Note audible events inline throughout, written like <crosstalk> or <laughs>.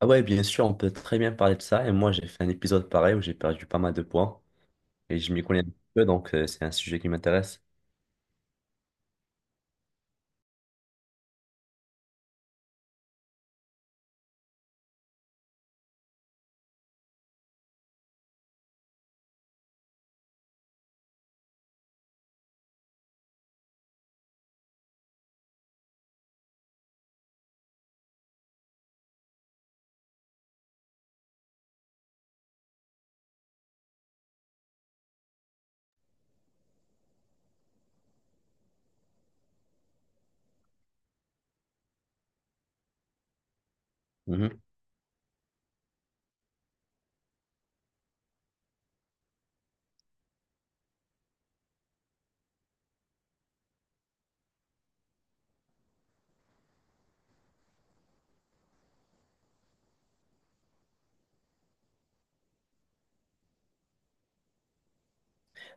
Ah ouais, bien sûr, on peut très bien parler de ça. Et moi, j'ai fait un épisode pareil où j'ai perdu pas mal de poids et je m'y connais un petit peu, donc c'est un sujet qui m'intéresse. Mhm.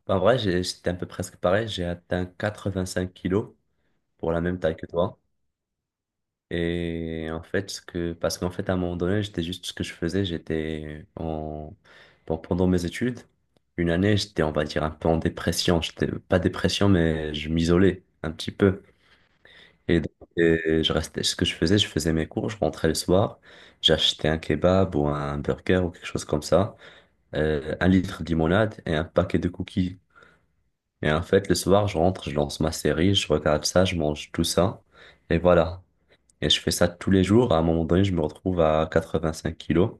Bah, en vrai, j'étais un peu presque pareil. J'ai atteint 85 kilos pour la même taille que toi. Et en fait, ce que, parce qu'en fait, à un moment donné, j'étais juste ce que je faisais. J'étais en, bon, pendant mes études, une année, j'étais, on va dire, un peu en dépression. J'étais pas dépression, mais je m'isolais un petit peu. Et donc, et je restais, ce que je faisais mes cours, je rentrais le soir, j'achetais un kebab ou un burger ou quelque chose comme ça, un litre de limonade et un paquet de cookies. Et en fait, le soir, je rentre, je lance ma série, je regarde ça, je mange tout ça, et voilà. Et je fais ça tous les jours. À un moment donné, je me retrouve à 85 kilos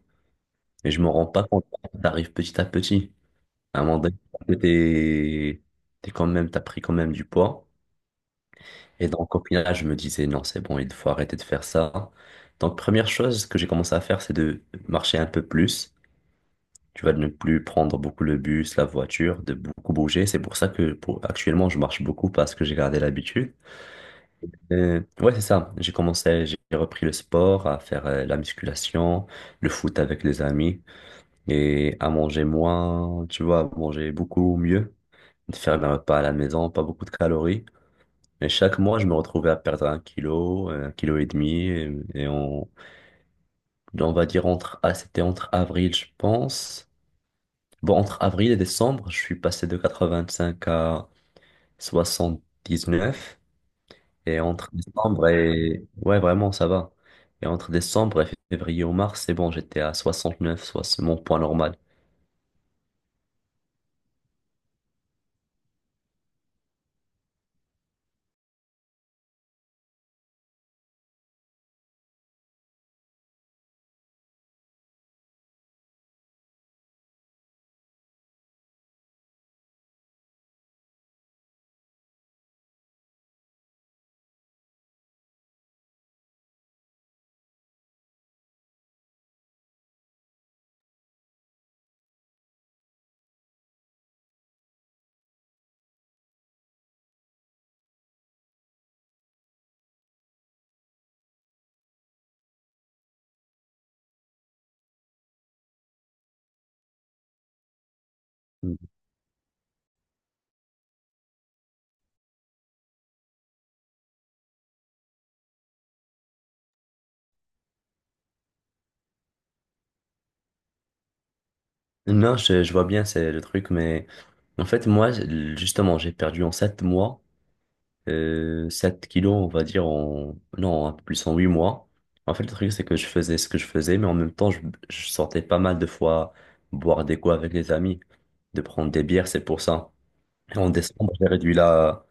et je me rends pas compte. T'arrives petit à petit. À un moment donné, t'es, t'es quand même, t'as pris quand même du poids. Et donc, au final, je me disais, non, c'est bon, il faut arrêter de faire ça. Donc, première chose que j'ai commencé à faire, c'est de marcher un peu plus. Tu vas ne plus prendre beaucoup le bus, la voiture, de beaucoup bouger. C'est pour ça que pour, actuellement, je marche beaucoup parce que j'ai gardé l'habitude. Ouais, c'est ça. J'ai commencé, j'ai repris le sport, à faire la musculation, le foot avec les amis et à manger moins, tu vois, à manger beaucoup mieux, de faire mes repas à la maison, pas beaucoup de calories. Mais chaque mois, je me retrouvais à perdre un kilo et demi. Et on va dire entre, ah, c'était entre avril, je pense. Bon, entre avril et décembre, je suis passé de 85 à 79. Et entre décembre et, ouais, vraiment, ça va. Et entre décembre et février ou mars, c'est bon, j'étais à 69, soit c'est mon poids normal. Non, je vois bien, c'est le truc, mais en fait, moi, justement, j'ai perdu en 7 mois 7 kilos, on va dire, en, non, un peu plus en 8 mois. En fait, le truc, c'est que je faisais ce que je faisais, mais en même temps, je sortais pas mal de fois boire des coups avec les amis, de prendre des bières, c'est pour ça. Et en décembre, j'ai réduit la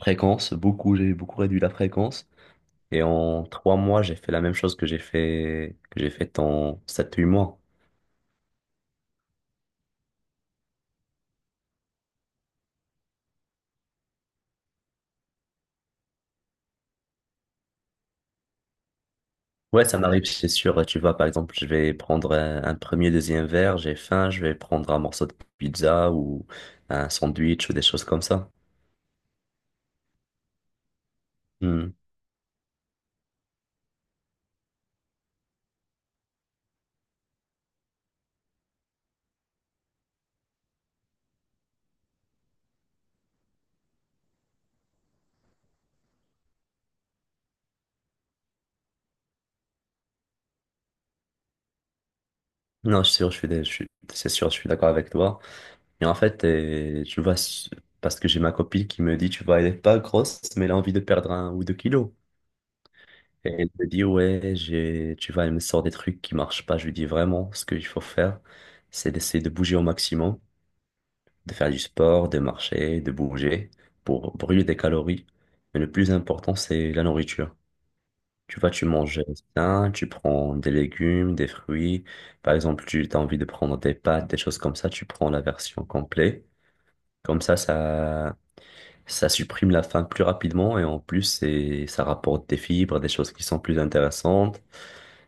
fréquence, beaucoup, j'ai beaucoup réduit la fréquence. Et en 3 mois, j'ai fait la même chose que j'ai fait en sept huit mois. Ouais, ça m'arrive, c'est sûr. Tu vois, par exemple, je vais prendre un premier, deuxième verre, j'ai faim, je vais prendre un morceau de pizza ou un sandwich ou des choses comme ça. Hmm. Non, c'est sûr, je suis, c'est sûr, je suis d'accord avec toi. Mais en fait, tu vois, parce que j'ai ma copine qui me dit, tu vois, elle est pas grosse, mais elle a envie de perdre un ou deux kilos. Et elle me dit, ouais, j'ai, tu vois, elle me sort des trucs qui marchent pas. Je lui dis vraiment, ce qu'il faut faire, c'est d'essayer de bouger au maximum, de faire du sport, de marcher, de bouger pour brûler des calories. Mais le plus important, c'est la nourriture. Tu vois, tu manges sain, tu prends des légumes, des fruits. Par exemple, tu as envie de prendre des pâtes, des choses comme ça, tu prends la version complète. Comme ça, ça supprime la faim plus rapidement et en plus, c'est, ça rapporte des fibres, des choses qui sont plus intéressantes.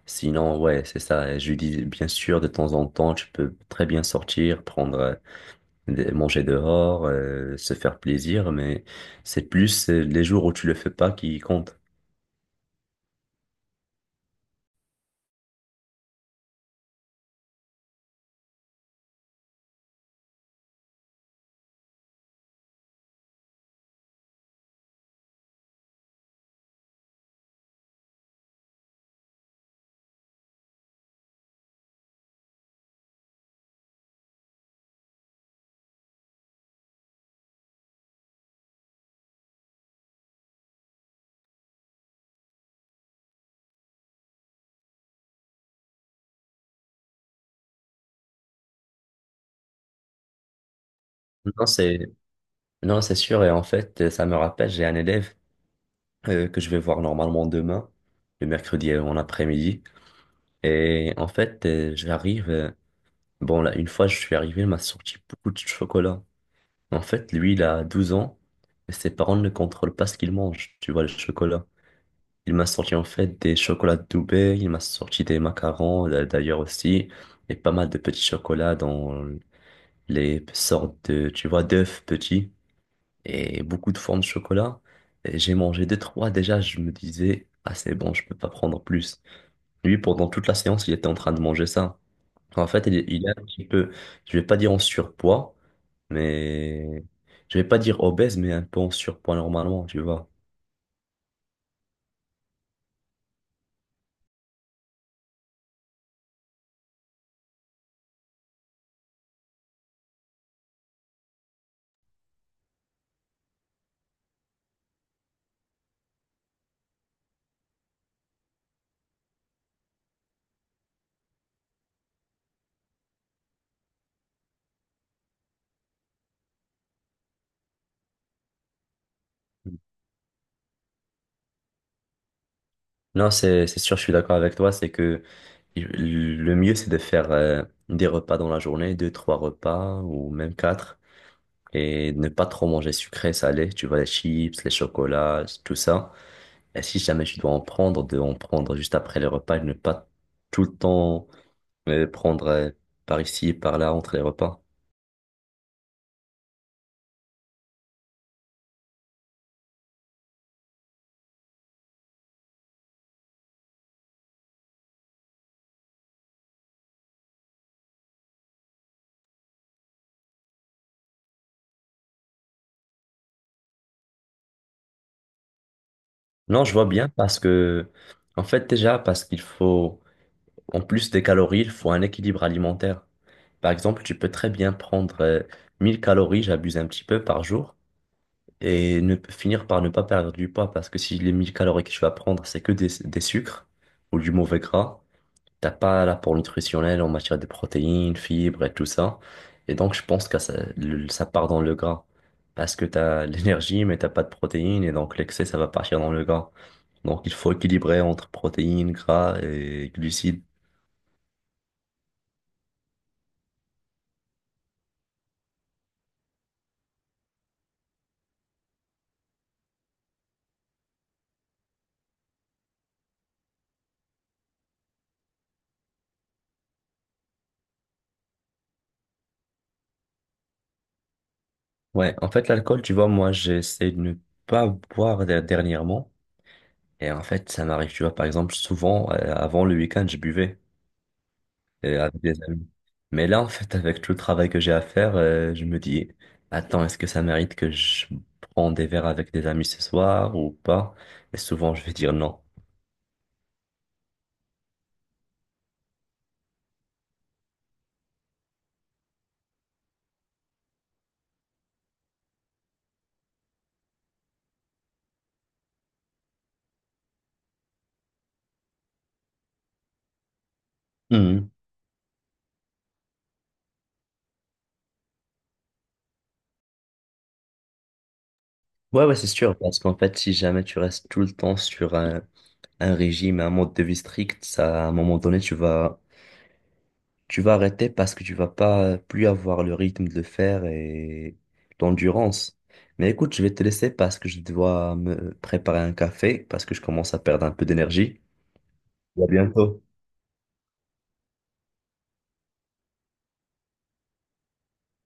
Sinon, ouais, c'est ça. Et je lui dis, bien sûr, de temps en temps, tu peux très bien sortir, prendre manger dehors, se faire plaisir, mais c'est plus les jours où tu le fais pas qui comptent. Non, c'est non, c'est sûr. Et en fait, ça me rappelle, j'ai un élève que je vais voir normalement demain, le mercredi en après-midi. Et en fait, j'arrive. Bon, là, une fois, je suis arrivé, il m'a sorti beaucoup de chocolat. En fait, lui, il a 12 ans et ses parents ne contrôlent pas ce qu'il mange. Tu vois, le chocolat. Il m'a sorti en fait des chocolats de Dubaï, il m'a sorti des macarons d'ailleurs aussi, et pas mal de petits chocolats dans les sortes de, tu vois, d'œufs petits, et beaucoup de formes de chocolat. Et j'ai mangé deux, trois déjà, je me disais, ah c'est bon, je peux pas prendre plus. Lui, pendant toute la séance, il était en train de manger ça. En fait, il est un petit peu, je vais pas dire en surpoids, mais je vais pas dire obèse, mais un peu en surpoids normalement, tu vois. Non, c'est sûr, je suis d'accord avec toi. C'est que le mieux, c'est de faire des repas dans la journée, deux, trois repas ou même quatre, et ne pas trop manger sucré, salé. Tu vois, les chips, les chocolats, tout ça. Et si jamais tu dois en prendre, de en prendre juste après les repas et ne pas tout le temps prendre par ici, par là, entre les repas. Non, je vois bien parce que, en fait, déjà, parce qu'il faut. En plus des calories, il faut un équilibre alimentaire. Par exemple, tu peux très bien prendre 1000 calories, j'abuse un petit peu par jour, et ne, finir par ne pas perdre du poids parce que si les 1000 calories que tu vas prendre, c'est que des sucres ou du mauvais gras, t'as pas l'apport nutritionnel en matière de protéines, fibres et tout ça. Et donc, je pense que ça, ça part dans le gras parce que t'as <laughs> l'énergie, mais t'as pas de protéines et donc l'excès, ça va partir dans le gras. Donc, il faut équilibrer entre protéines, gras et glucides. Ouais, en fait, l'alcool, tu vois, moi, j'essaie de ne pas boire dernièrement. Et en fait, ça m'arrive, tu vois, par exemple, souvent, avant le week-end, je buvais avec des amis. Mais là, en fait, avec tout le travail que j'ai à faire, je me dis, attends, est-ce que ça mérite que je prends des verres avec des amis ce soir ou pas? Et souvent, je vais dire non. Mhm. Ouais, ouais, c'est sûr, parce qu'en fait, si jamais tu restes tout le temps sur un régime, un mode de vie strict, ça, à un moment donné, tu vas tu vas arrêter parce que tu vas pas plus avoir le rythme de le faire et l'endurance. Mais écoute, je vais te laisser parce que je dois me préparer un café parce que je commence à perdre un peu d'énergie. À bientôt.